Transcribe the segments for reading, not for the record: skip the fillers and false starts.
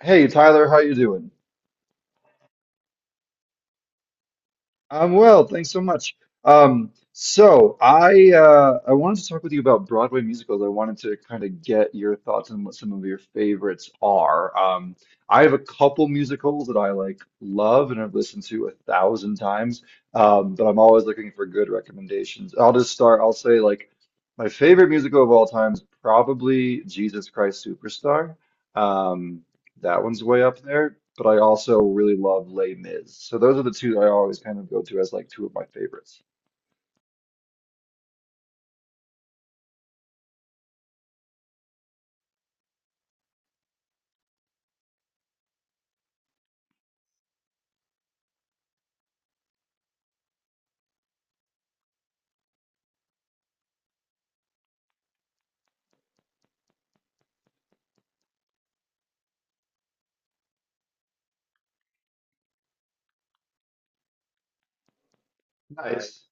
Hey Tyler, how you doing? I'm well, thanks so much. So I wanted to talk with you about Broadway musicals. I wanted to kind of get your thoughts on what some of your favorites are. I have a couple musicals that I love and I've listened to a thousand times, but I'm always looking for good recommendations. I'll just start. I'll say like my favorite musical of all time is probably Jesus Christ Superstar. Um, That one's way up there, but I also really love Les Mis. So those are the two I always kind of go to as like two of my favorites. Nice.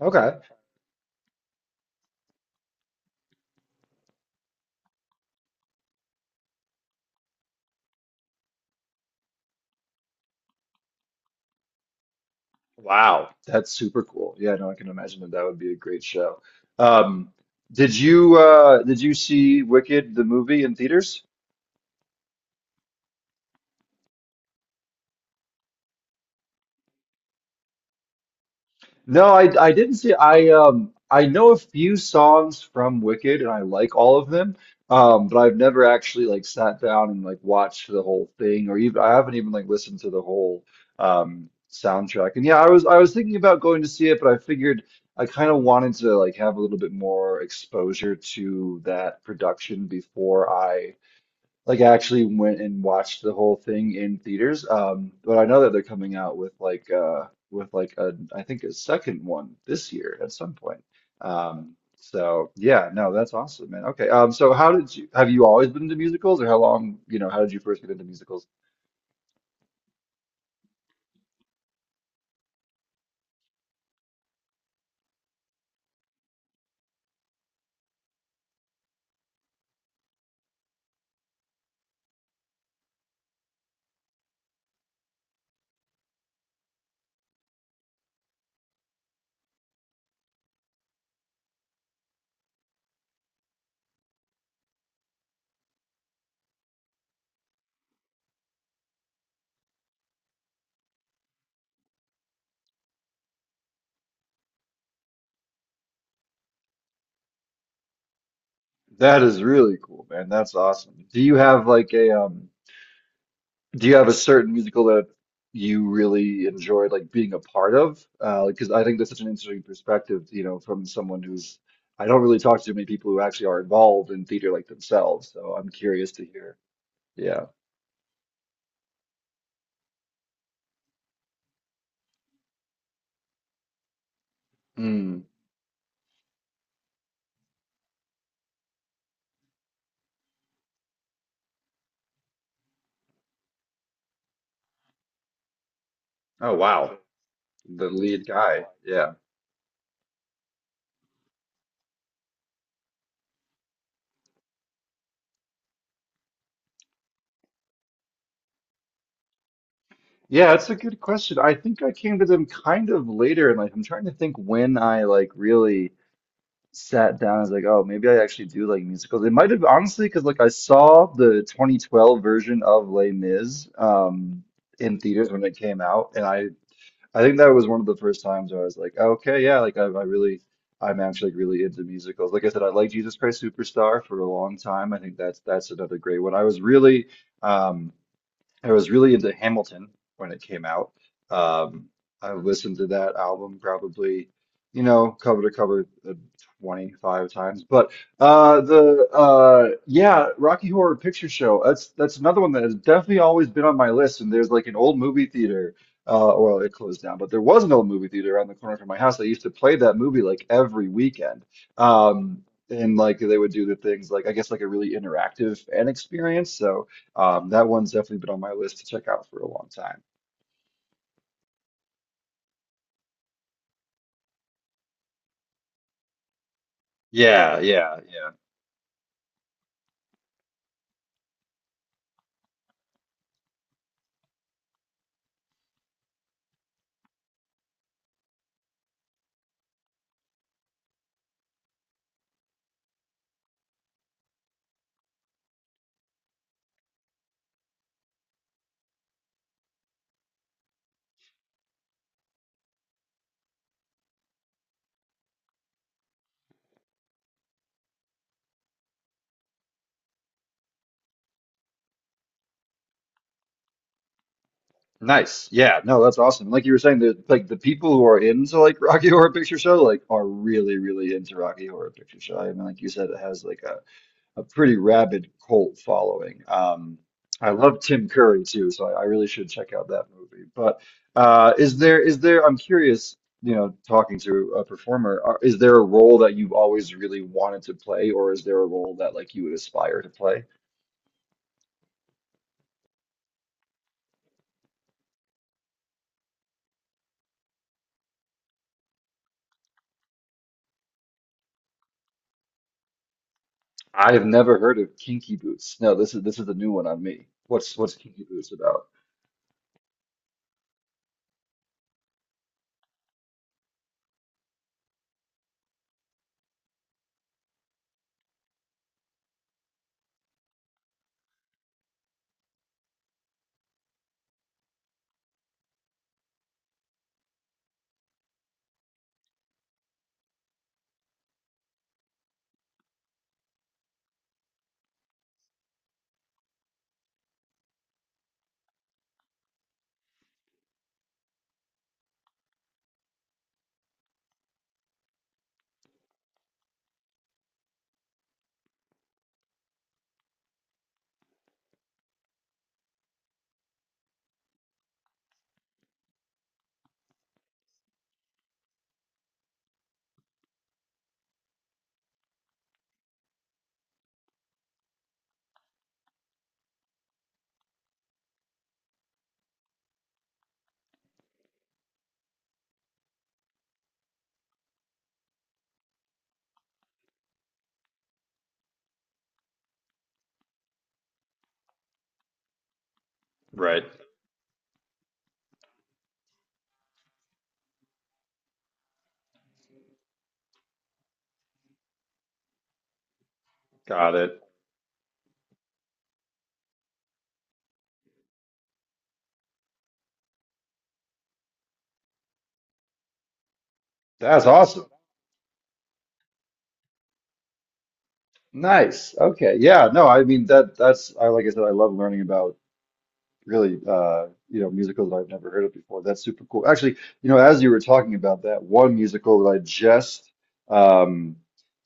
Okay. Wow, that's super cool. Yeah, no, I can imagine that that would be a great show. Um, did you did you see Wicked the movie in theaters? No, I didn't see I know a few songs from Wicked and I like all of them. But I've never actually like sat down and like watched the whole thing or even I haven't even like listened to the whole soundtrack. And yeah, I was thinking about going to see it, but I figured I kind of wanted to like have a little bit more exposure to that production before I I actually went and watched the whole thing in theaters. But I know that they're coming out with like a I think a second one this year at some point. So yeah, no, that's awesome, man. Okay. So how did you have you always been into musicals or how long, you know, how did you first get into musicals? That is really cool, man. That's awesome. Do you have like a do you have a certain musical that you really enjoyed like being a part of? Because I think that's such an interesting perspective, you know, from someone who's I don't really talk to many people who actually are involved in theater like themselves. So I'm curious to hear. Yeah. Mm. Oh wow. The lead guy. Yeah. Yeah, it's a good question. I think I came to them kind of later in life. I'm trying to think when I like really sat down and was like, oh, maybe I actually do like musicals. It might have honestly, because like I saw the 2012 version of Les Mis in theaters when it came out, and I think that was one of the first times where I was like, okay, yeah, like I really I'm actually like really into musicals. Like I said, I liked Jesus Christ Superstar for a long time. I think that's another great one. Um, I was really into Hamilton when it came out. Um, I listened to that album probably, you know, cover to cover 25 times. But the yeah, Rocky Horror Picture Show. That's another one that has definitely always been on my list. And there's like an old movie theater. Well, it closed down, but there was an old movie theater around the corner from my house. They used to play that movie like every weekend. Um, and like they would do the things like I guess like a really interactive fan experience. So. That one's definitely been on my list to check out for a long time. Yeah, yeah, yeah. Nice. Yeah, no, that's awesome. Like you were saying, the like the people who are into like Rocky Horror Picture Show like are really, really into Rocky Horror Picture Show. I mean, like you said, it has like a pretty rabid cult following. I love Tim Curry too, so I really should check out that movie. But is there is there? I'm curious. You know, talking to a performer, is there a role that you've always really wanted to play, or is there a role that like you would aspire to play? I have never heard of Kinky Boots. No, this is a new one on me. What's Kinky Boots about? Right. That's awesome. Nice. Okay. Yeah. No, I mean that that's I like I said, I love learning about really you know musicals I've never heard of before. That's super cool. Actually, you know, as you were talking about that one musical that I just um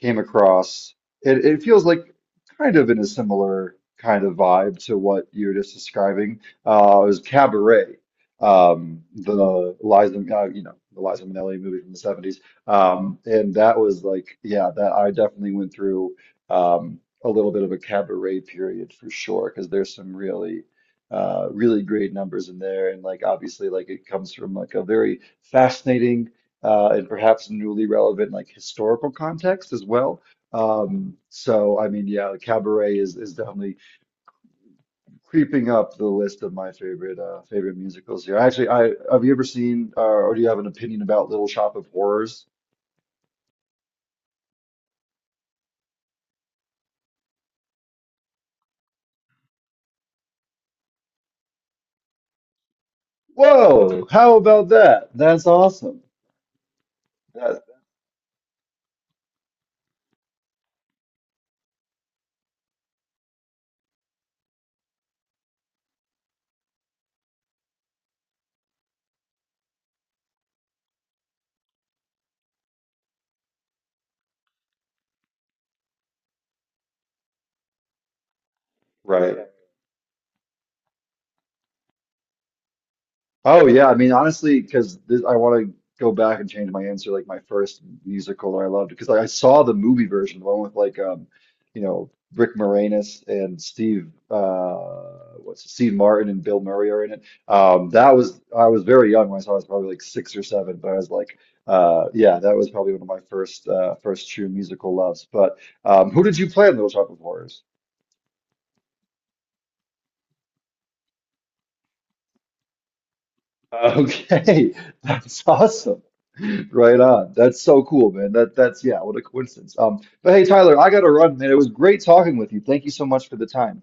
came across, it feels like kind of in a similar kind of vibe to what you were just describing. Uh, it was Cabaret. Um, the Liza you know, the Liza Minnelli movie from the '70s. And that was like yeah, that I definitely went through a little bit of a cabaret period for sure because there's some really really great numbers in there. And like obviously, like it comes from like a very fascinating and perhaps newly relevant like historical context as well. So I mean, yeah, Cabaret is definitely creeping up the list of my favorite favorite musicals here. Actually, I have you ever seen or do you have an opinion about Little Shop of Horrors? Whoa, how about that? That's awesome. That, right. Oh yeah, I mean honestly, because this I want to go back and change my answer. Like my first musical that I loved, because like I saw the movie version, the one with like you know, Rick Moranis and Steve Steve Martin and Bill Murray are in it. That was I was very young when I saw it. I was probably like six or seven, but I was like, yeah, that was probably one of my first first true musical loves. But who did you play in Little Shop of Horrors? Okay, that's awesome. Right on. That's so cool, man. That that's yeah, what a coincidence. But hey, Tyler, I gotta run, man. It was great talking with you. Thank you so much for the time.